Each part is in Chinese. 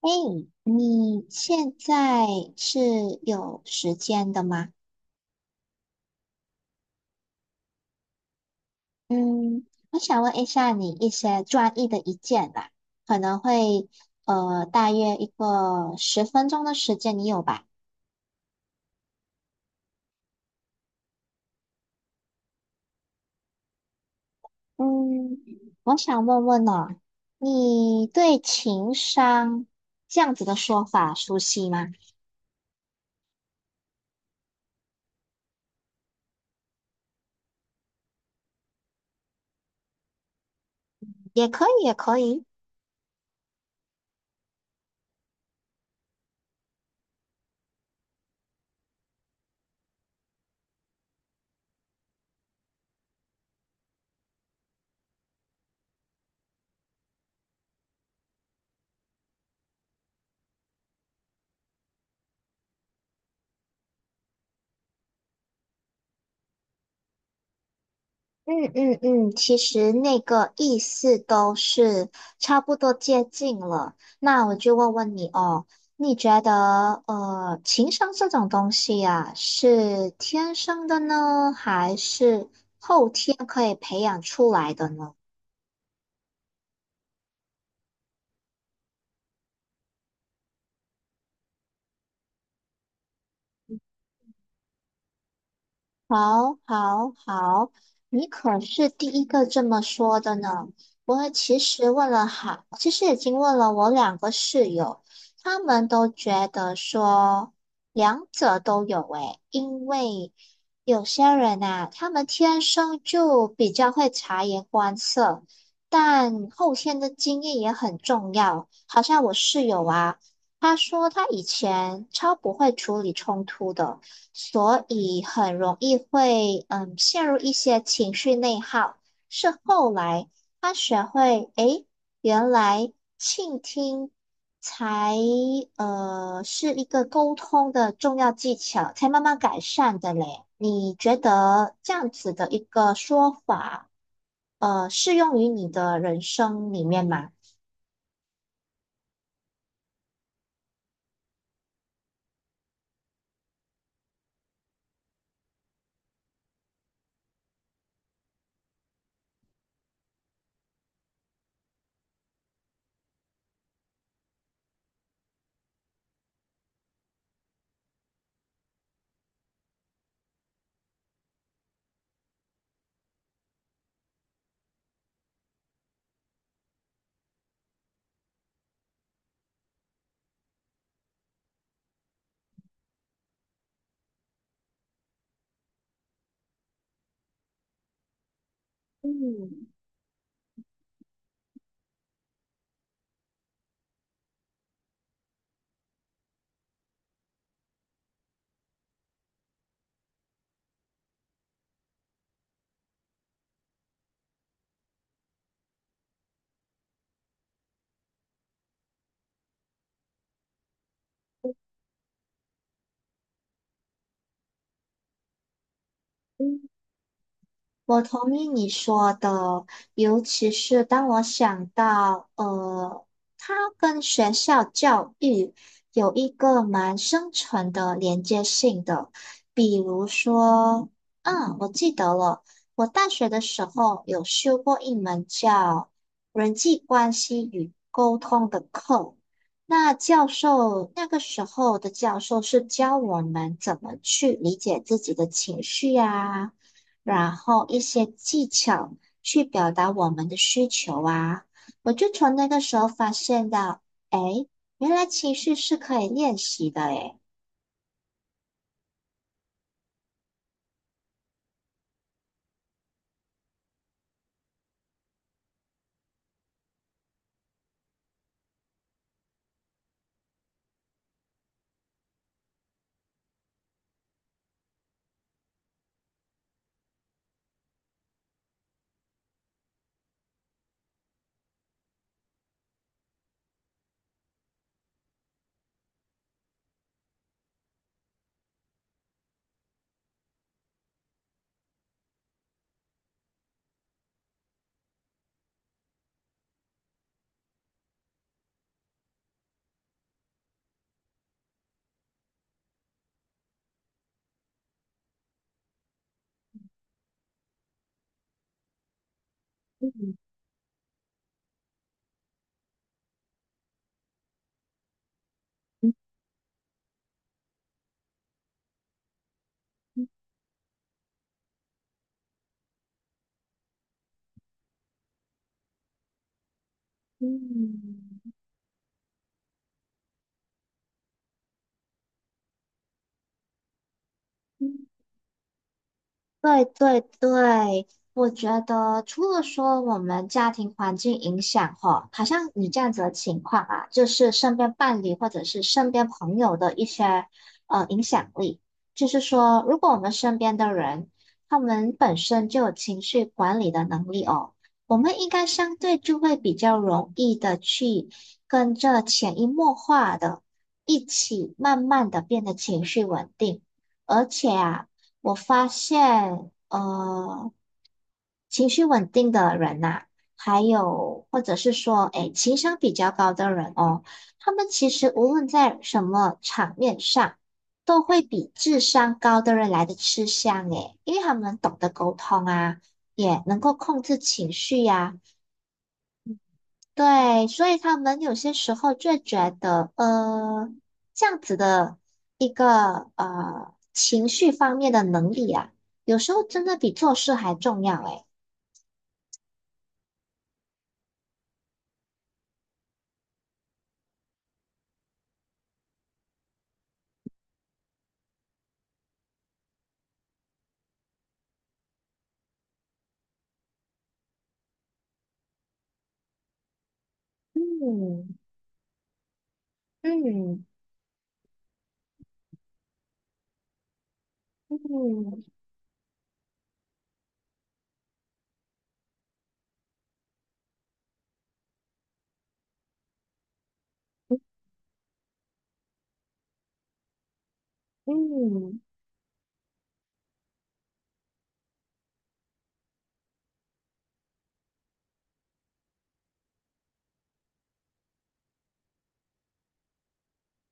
哎，你现在是有时间的吗？嗯，我想问一下你一些专业的意见吧，可能会大约一个10分钟的时间，你有吧？嗯，我想问问哦，你对情商这样子的说法熟悉吗？也可以，也可以。嗯嗯嗯，其实那个意思都是差不多接近了。那我就问问你哦，你觉得情商这种东西呀，是天生的呢，还是后天可以培养出来的呢？好，好，好，你可是第一个这么说的呢。我其实已经问了我两个室友，他们都觉得说两者都有诶，因为有些人呐、他们天生就比较会察言观色，但后天的经验也很重要。好像我室友啊，他说他以前超不会处理冲突的。所以很容易会陷入一些情绪内耗。是后来他学会，诶，原来倾听才是一个沟通的重要技巧，才慢慢改善的嘞。你觉得这样子的一个说法，适用于你的人生里面吗？嗯嗯，我同意你说的，尤其是当我想到，它跟学校教育有一个蛮深层的连接性的。比如说，我记得了，我大学的时候有修过一门叫人际关系与沟通的课。那教授，那个时候的教授是教我们怎么去理解自己的情绪呀。然后一些技巧去表达我们的需求啊。我就从那个时候发现到，哎，原来情绪是可以练习的，哎。嗯嗯嗯嗯对对对，我觉得除了说我们家庭环境影响哈，好像你这样子的情况啊，就是身边伴侣或者是身边朋友的一些影响力，就是说，如果我们身边的人他们本身就有情绪管理的能力哦，我们应该相对就会比较容易的去跟着潜移默化的一起慢慢的变得情绪稳定。而且啊，我发现，情绪稳定的人呐、还有或者是说，哎，情商比较高的人哦，他们其实无论在什么场面上，都会比智商高的人来的吃香诶，因为他们懂得沟通啊，也能够控制情绪呀、对，所以他们有些时候就觉得，这样子的一个情绪方面的能力啊，有时候真的比做事还重要诶。嗯嗯嗯嗯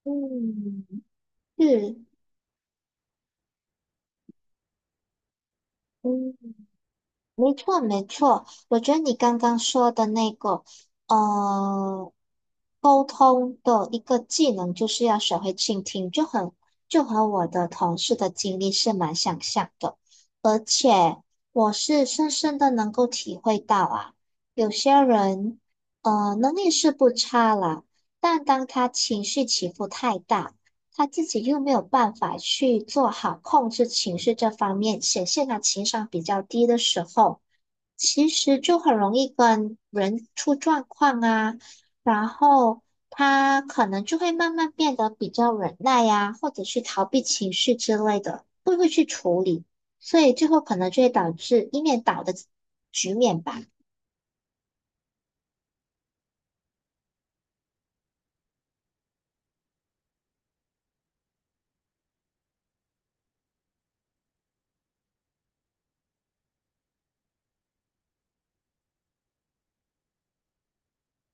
嗯，是嗯。没错，没错，我觉得你刚刚说的那个，呃，沟通的一个技能，就是要学会倾听，就和我的同事的经历是蛮相像的。我是深深的能够体会到啊，有些人，能力是不差啦，但当他情绪起伏太大，他自己又没有办法去做好控制情绪这方面，显现他情商比较低的时候。其实就很容易跟人出状况啊，然后他可能就会慢慢变得比较忍耐呀、或者是逃避情绪之类的，不会去处理，所以最后可能就会导致一面倒的局面吧。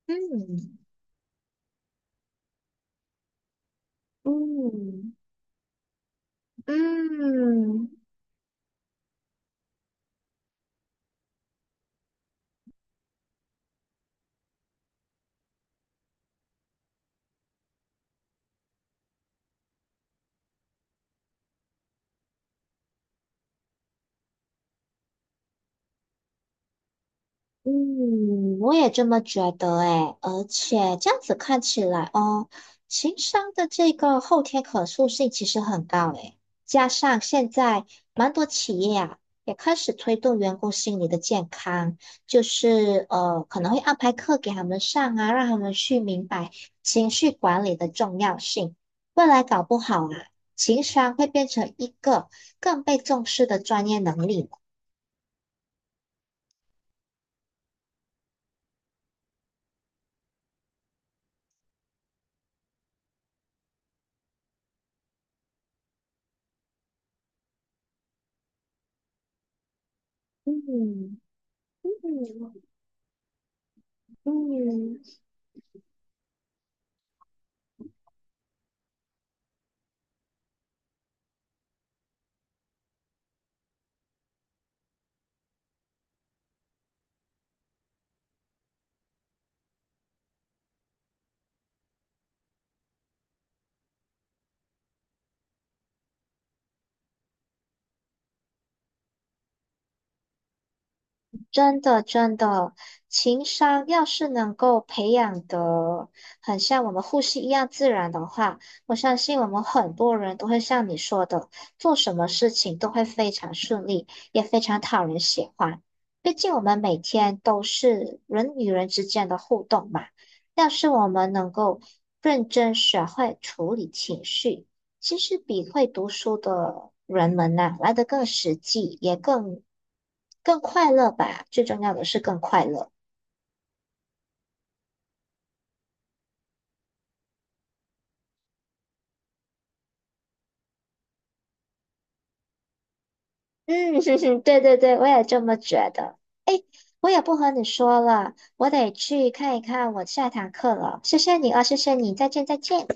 嗯嗯嗯。嗯，我也这么觉得诶，而且这样子看起来哦，情商的这个后天可塑性其实很高诶，加上现在蛮多企业啊也开始推动员工心理的健康，就是可能会安排课给他们上啊，让他们去明白情绪管理的重要性。未来搞不好啊，情商会变成一个更被重视的专业能力呢嗯嗯。嗯真的，真的，情商要是能够培养的很像我们呼吸一样自然的话，我相信我们很多人都会像你说的，做什么事情都会非常顺利，也非常讨人喜欢。毕竟我们每天都是人与人之间的互动嘛，要是我们能够认真学会处理情绪。其实比会读书的人们呐、来的更实际，也更快乐吧。最重要的是更快乐。嗯，哼哼对对对，我也这么觉得。哎，我也不和你说了，我得去看一看我下堂课了。谢谢你啊，谢谢你，再见再见。